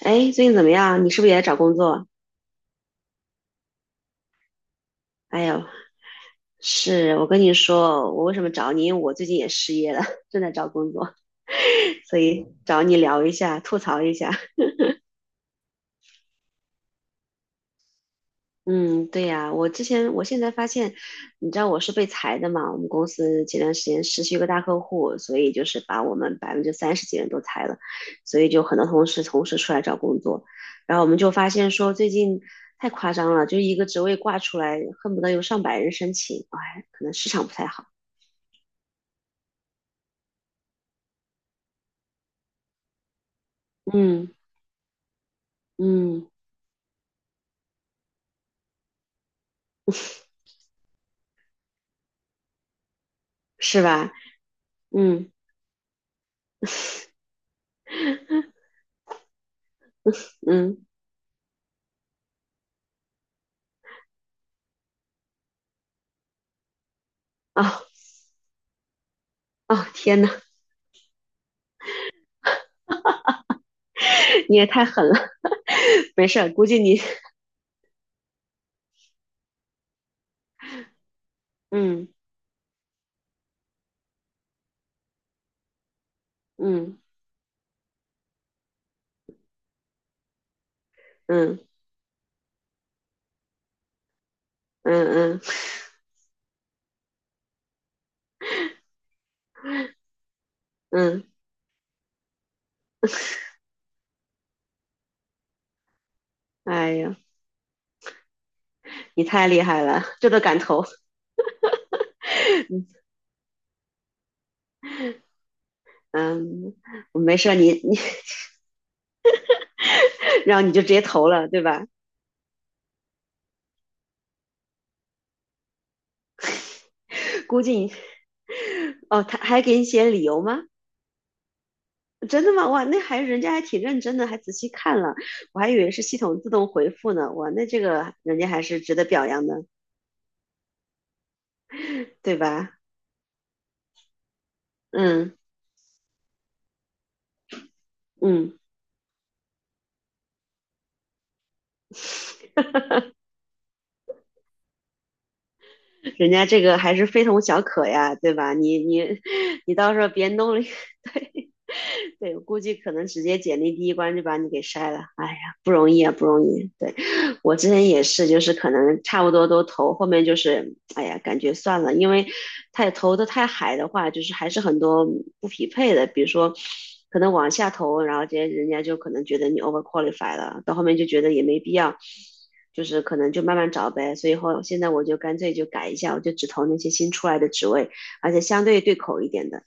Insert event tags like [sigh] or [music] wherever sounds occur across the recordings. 哎，最近怎么样？你是不是也在找工作？哎呦，是我跟你说，我为什么找你？因为我最近也失业了，[laughs] 正在找工作，[laughs] 所以找你聊一下，吐槽一下。[laughs] 嗯，对呀，我之前，我现在发现，你知道我是被裁的嘛？我们公司前段时间失去一个大客户，所以就是把我们百分之三十几人都裁了，所以就很多同事同时出来找工作，然后我们就发现说最近太夸张了，就一个职位挂出来，恨不得有上百人申请，哎，可能市场不太好。嗯嗯，是吧？嗯嗯，哦哦，天呐，[laughs] 你也太狠了，[laughs] 没事儿，估计你，嗯嗯嗯嗯嗯嗯，哎呀，你太厉害了，这都敢投，嗯，没事儿，你，[laughs] 然后你就直接投了，对吧？估计你，哦，他还给你写理由吗？真的吗？哇，那还人家还挺认真的，还仔细看了，我还以为是系统自动回复呢，哇，那这个人家还是值得表扬的，对吧？嗯嗯，人家这个还是非同小可呀，对吧？你 [laughs] 你到时候别弄了一 [laughs] 对对，我估计可能直接简历第一关就把你给筛了。哎呀，不容易啊，不容易。对。我之前也是，就是可能差不多都投，后面就是哎呀，感觉算了，因为太投的太海的话，就是还是很多不匹配的，比如说可能往下投，然后这些人家就可能觉得你 over q u a l i f y 了，到后面就觉得也没必要，就是可能就慢慢找呗。所以后现在我就干脆就改一下，我就只投那些新出来的职位，而且相对对口一点的，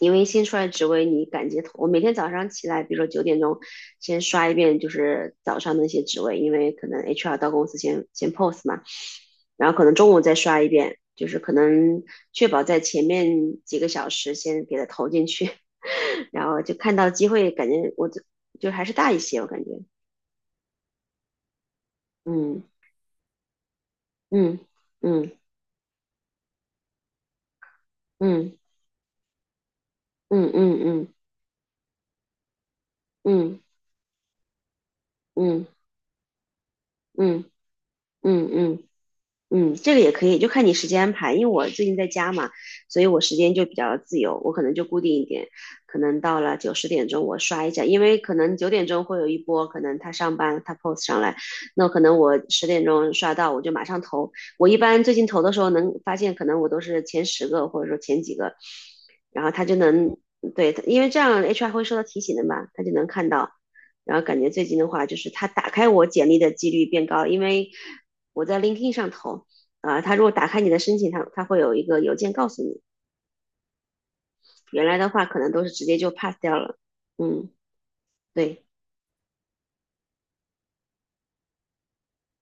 因为新出来职位你敢觉投，我每天早上起来，比如说九点钟，先刷一遍就是早上那些职位，因为可能 HR 到公司先 post 嘛，然后可能中午再刷一遍，就是可能确保在前面几个小时先给它投进去，[laughs] 然后就看到机会，感觉我就还是大一些，我感觉，嗯嗯嗯嗯嗯嗯嗯嗯嗯嗯嗯嗯嗯。嗯嗯嗯嗯嗯，这个也可以，就看你时间安排。因为我最近在家嘛，所以我时间就比较自由，我可能就固定一点，可能到了九十点钟我刷一下，因为可能九点钟会有一波，可能他上班他 post 上来，那可能我十点钟刷到，我就马上投。我一般最近投的时候能发现，可能我都是前十个或者说前几个，然后他就能对，因为这样 HR 会收到提醒的嘛，他就能看到。然后感觉最近的话，就是他打开我简历的几率变高，因为我在 LinkedIn 上投，啊，他如果打开你的申请，他会有一个邮件告诉你。原来的话，可能都是直接就 pass 掉了。嗯，对，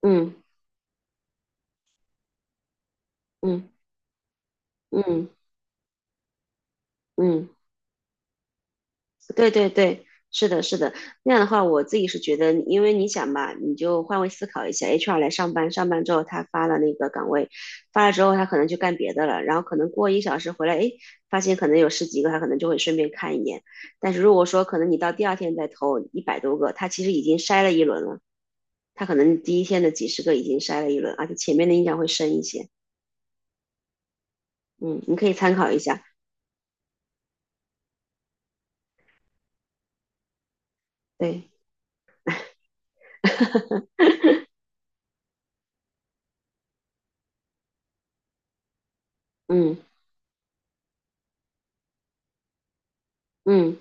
嗯嗯嗯嗯，对对对，是的，是的。那样的话，我自己是觉得，因为你想吧，你就换位思考一下，HR 来上班，上班之后他发了那个岗位，发了之后他可能就干别的了，然后可能过一小时回来，诶，发现可能有十几个，他可能就会顺便看一眼。但是如果说可能你到第二天再投100多个，他其实已经筛了一轮了。他可能第一天的几十个已经筛了一轮，而且前面的印象会深一些。嗯，你可以参考一下。对，[laughs] 嗯嗯，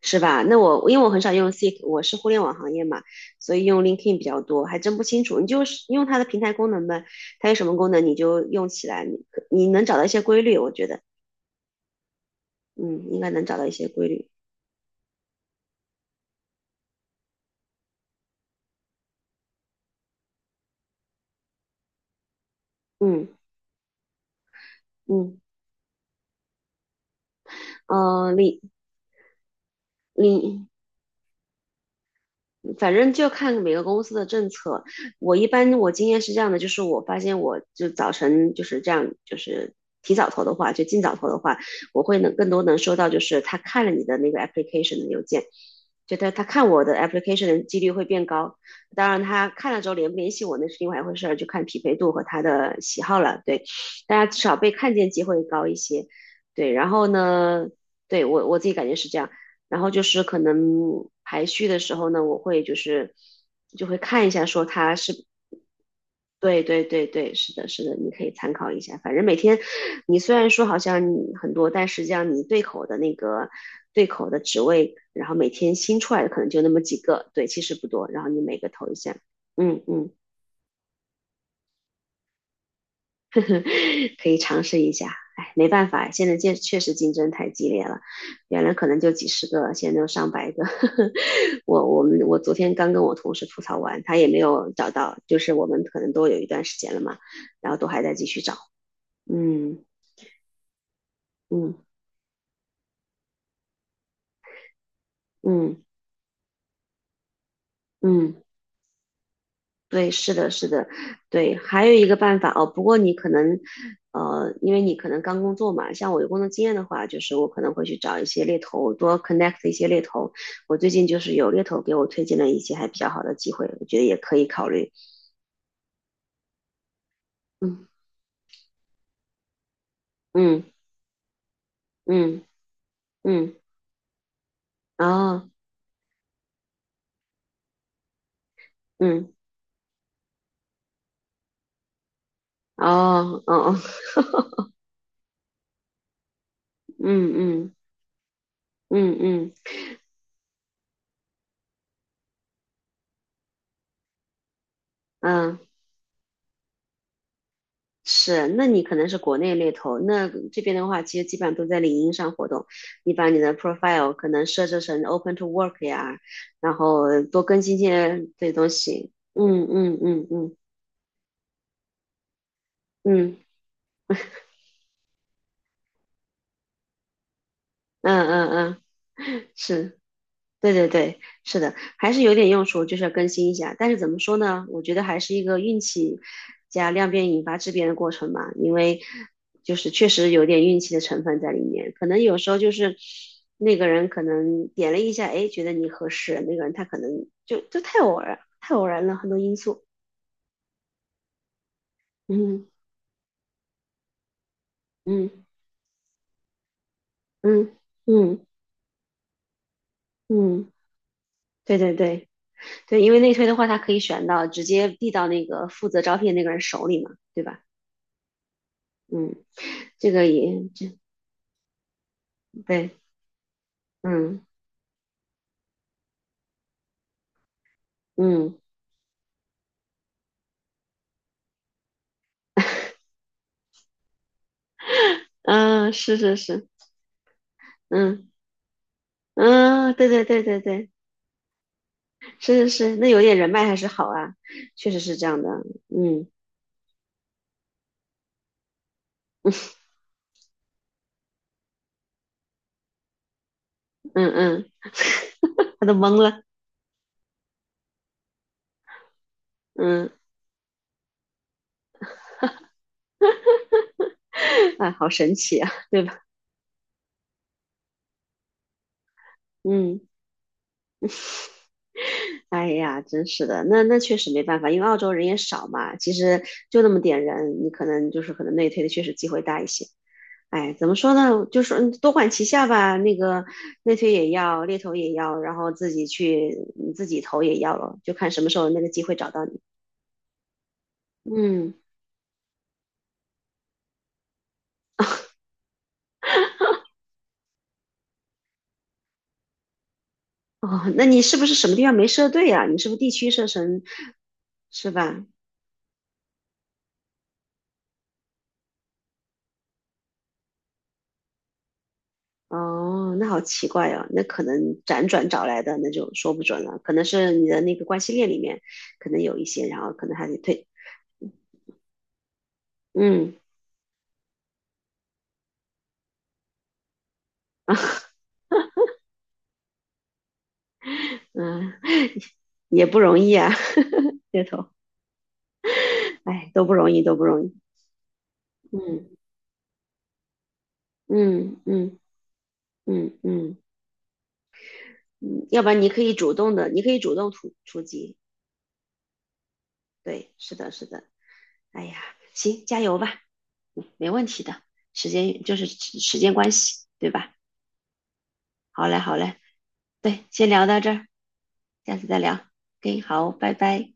是吧？那我因为我很少用 Seek，我是互联网行业嘛，所以用 LinkedIn 比较多，还真不清楚。你就是用它的平台功能呗，它有什么功能你就用起来，你能找到一些规律，我觉得，嗯，应该能找到一些规律。嗯嗯，呃，李李反正就看每个公司的政策。我一般我经验是这样的，就是我发现我就早晨就是这样，就是提早投的话，就尽早投的话，我会能更多能收到，就是他看了你的那个 application 的邮件，就他看我的 application 的几率会变高。当然，他看了之后联不联系我那是另外一回事就看匹配度和他的喜好了。对，大家至少被看见机会高一些。对，然后呢，对我自己感觉是这样。然后就是可能排序的时候呢，我会就是就会看一下，说它是对对对对，是的，是的，你可以参考一下。反正每天你虽然说好像你很多，但实际上你对口的那个对口的职位，然后每天新出来的可能就那么几个，对，其实不多。然后你每个投一下，嗯嗯，[laughs] 呵呵，可以尝试一下。哎，没办法，现在确确实竞争太激烈了，原来可能就几十个，现在都上百个。[laughs] 我昨天刚跟我同事吐槽完，他也没有找到，就是我们可能都有一段时间了嘛，然后都还在继续找。嗯嗯嗯嗯，对，是的，是的，对，还有一个办法哦，不过你可能呃，因为你可能刚工作嘛，像我有工作经验的话，就是我可能会去找一些猎头，多 connect 一些猎头。我最近就是有猎头给我推荐了一些还比较好的机会，我觉得也可以考虑。嗯嗯嗯嗯，哦，嗯哦哦哦。嗯嗯嗯嗯嗯，是，那你可能是国内猎头，那这边的话，其实基本上都在领英上活动。你把你的 profile 可能设置成 open to work 呀，然后多更新些这些东西。嗯嗯嗯嗯嗯嗯嗯嗯，[laughs] 是。对对对，是的，还是有点用处，就是要更新一下。但是怎么说呢？我觉得还是一个运气加量变引发质变的过程嘛，因为就是确实有点运气的成分在里面。可能有时候就是那个人可能点了一下，哎，觉得你合适，那个人他可能就太偶然，太偶然了，很多因素。嗯嗯嗯嗯嗯，对对对对，因为内推的话，他可以选到直接递到那个负责招聘那个人手里嘛，对吧？嗯，这个也这对，嗯嗯嗯，啊是是是，嗯嗯，啊对对对对对，是是是，那有点人脉还是好啊，确实是这样的，嗯嗯嗯，他都懵了，嗯，[laughs] 啊，好神奇啊，对吧？嗯，哎呀，真是的，那确实没办法，因为澳洲人也少嘛，其实就那么点人，你可能就是可能内推的确实机会大一些。哎，怎么说呢？就是多管齐下吧。那个内推也要，猎头也要，然后自己去自己投也要了，就看什么时候那个机会找到你。嗯，哦，那你是不是什么地方没设对啊？你是不是地区设成是吧？哦，那好奇怪哦。那可能辗转找来的那就说不准了，可能是你的那个关系链里面可能有一些，然后可能还得退。嗯嗯，也不容易啊，[laughs] 猎头，哎，都不容易，都不容易。嗯。嗯嗯嗯嗯嗯，要不然你可以主动的，你可以主动出击。对，是的，是的。哎呀，行，加油吧，没问题的。时间就是时间关系，对吧？好嘞，好嘞，对，先聊到这儿，下次再聊。OK，好，拜拜。